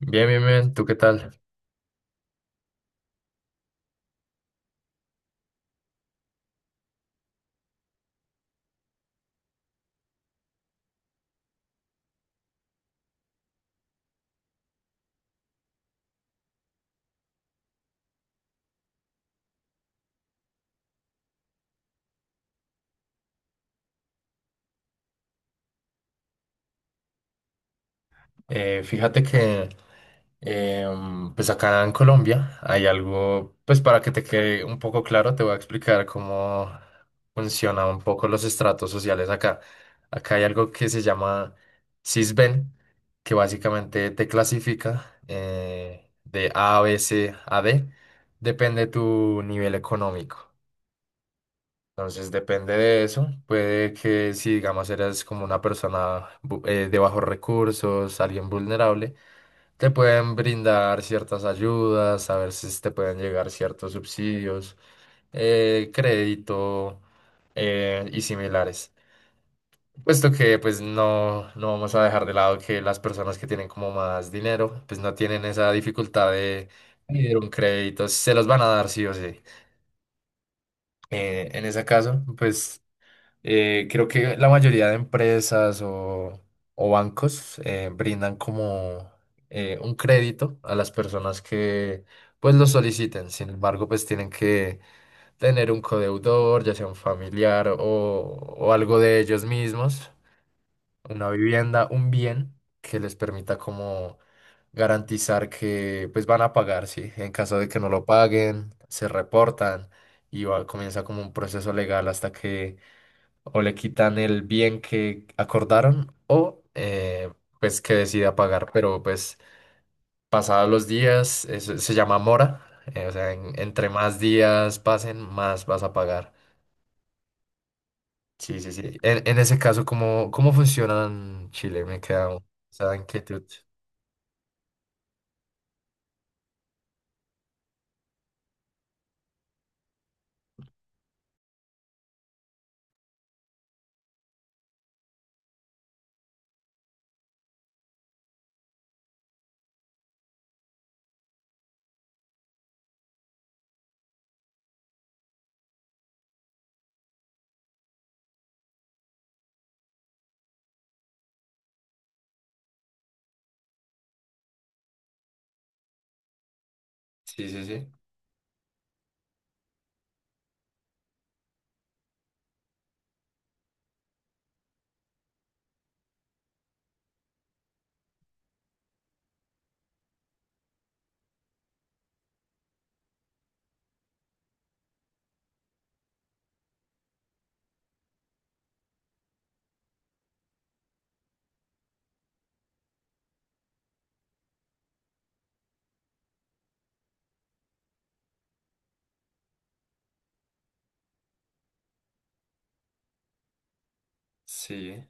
Bien, bien, bien, ¿tú qué tal? Fíjate que pues acá en Colombia hay algo. Pues para que te quede un poco claro, te voy a explicar cómo funcionan un poco los estratos sociales acá. Acá hay algo que se llama Sisbén, que básicamente te clasifica de A, B, C, a D, depende de tu nivel económico. Entonces depende de eso. Puede que si digamos eres como una persona de bajos recursos, alguien vulnerable, te pueden brindar ciertas ayudas, a ver si te pueden llegar ciertos subsidios, crédito y similares. Puesto que pues no, no vamos a dejar de lado que las personas que tienen como más dinero, pues no tienen esa dificultad de pedir un crédito, se los van a dar sí o sí. En ese caso, pues... Creo que la mayoría de empresas o bancos brindan como un crédito a las personas que pues lo soliciten. Sin embargo, pues tienen que tener un codeudor, ya sea un familiar o algo de ellos mismos, una vivienda, un bien que les permita como garantizar que pues van a pagar, ¿sí? En caso de que no lo paguen, se reportan y comienza como un proceso legal hasta que o le quitan el bien que acordaron o pues que decida pagar. Pero pues pasados los días, eso se llama mora, o sea, entre más días pasen, más vas a pagar. Sí, sí, sí. En ese caso, ¿cómo, cómo funciona en Chile? Me queda esa inquietud. Sí, sí, sí. Sí,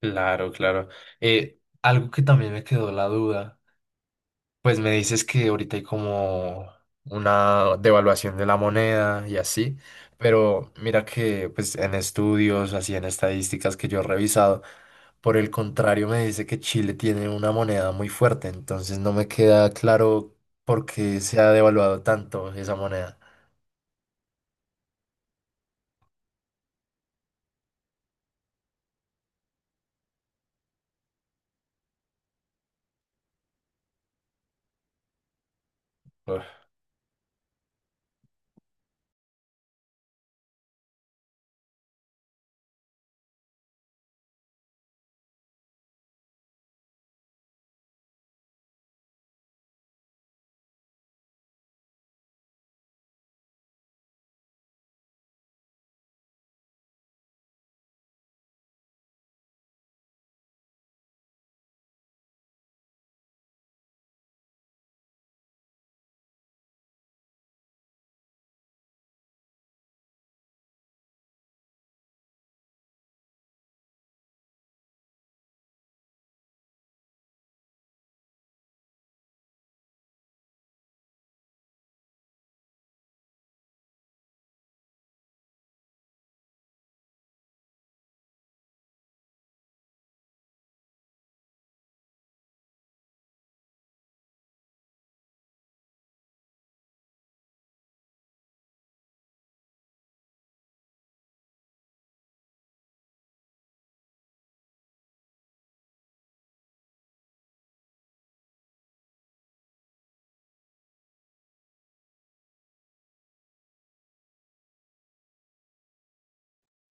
claro, claro. Algo que también me quedó la duda. Pues me dices que ahorita hay como una devaluación de la moneda y así, pero mira que pues en estudios, así en estadísticas que yo he revisado, por el contrario me dice que Chile tiene una moneda muy fuerte, entonces no me queda claro por qué se ha devaluado tanto esa moneda. Uf,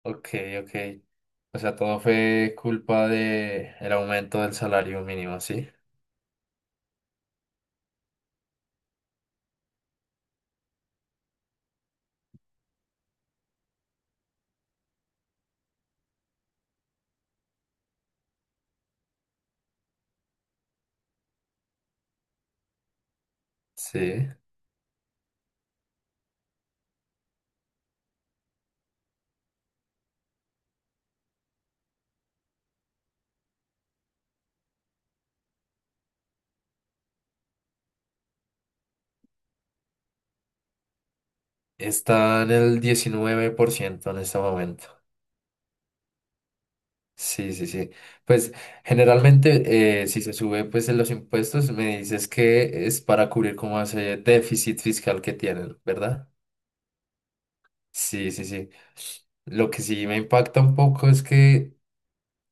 ok, ok. O sea, ¿todo fue culpa de el aumento del salario mínimo, sí? Sí. Está en el 19% en este momento. Sí, sí, sí. Pues generalmente, si se sube pues en los impuestos, me dices que es para cubrir como ese déficit fiscal que tienen, ¿verdad? Sí, sí, sí. Lo que sí me impacta un poco es que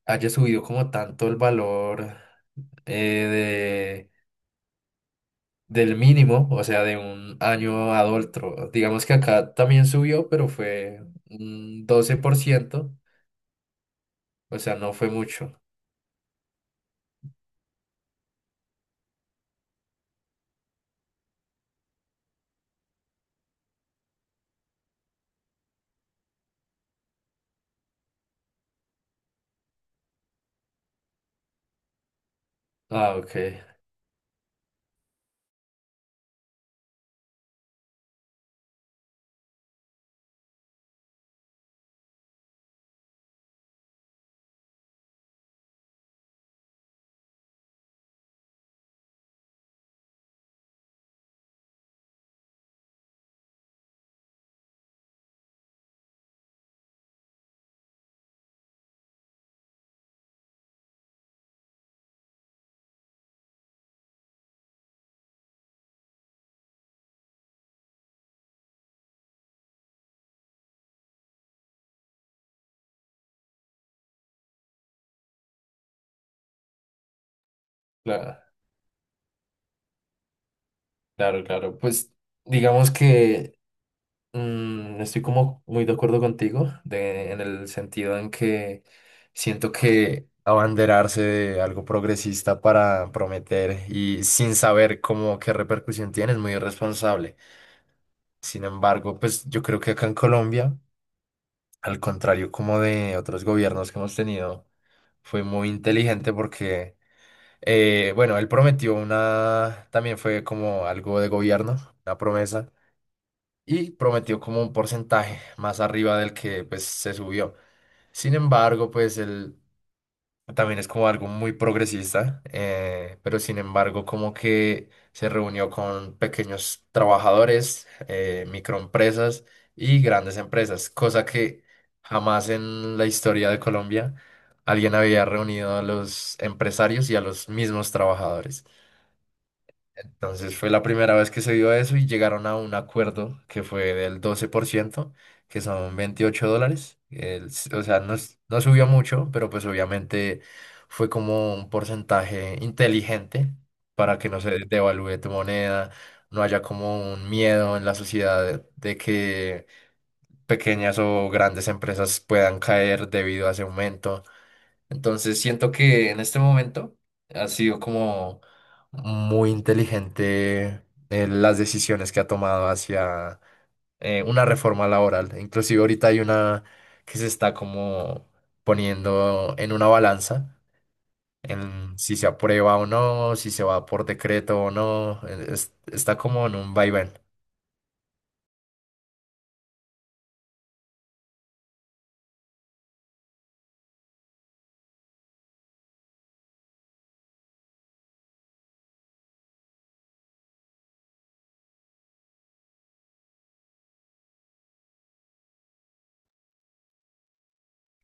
haya subido como tanto el valor eh, de, del mínimo, o sea, de un año a otro. Digamos que acá también subió, pero fue un 12%, o sea, no fue mucho. Ah, ok. Claro. Claro, claro. Pues digamos que estoy como muy de acuerdo contigo de, en el sentido en que siento que abanderarse de algo progresista para prometer y sin saber cómo qué repercusión tiene es muy irresponsable. Sin embargo, pues yo creo que acá en Colombia, al contrario como de otros gobiernos que hemos tenido, fue muy inteligente porque... Bueno, él prometió una, también fue como algo de gobierno, una promesa, y prometió como un porcentaje más arriba del que pues se subió. Sin embargo, pues él también es como algo muy progresista, pero sin embargo como que se reunió con pequeños trabajadores, microempresas y grandes empresas, cosa que jamás en la historia de Colombia alguien había reunido a los empresarios y a los mismos trabajadores. Entonces fue la primera vez que se dio eso y llegaron a un acuerdo que fue del 12%, que son $28. O sea, no, no subió mucho, pero pues obviamente fue como un porcentaje inteligente para que no se devalúe tu moneda, no haya como un miedo en la sociedad de que pequeñas o grandes empresas puedan caer debido a ese aumento. Entonces siento que en este momento ha sido como muy inteligente las decisiones que ha tomado hacia una reforma laboral. Inclusive ahorita hay una que se está como poniendo en una balanza, en si se aprueba o no, si se va por decreto o no. Está como en un vaivén.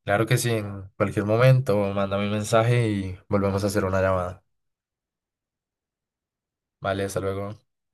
Claro que sí, en cualquier momento, mándame un mensaje y volvemos a hacer una llamada. Vale, hasta luego.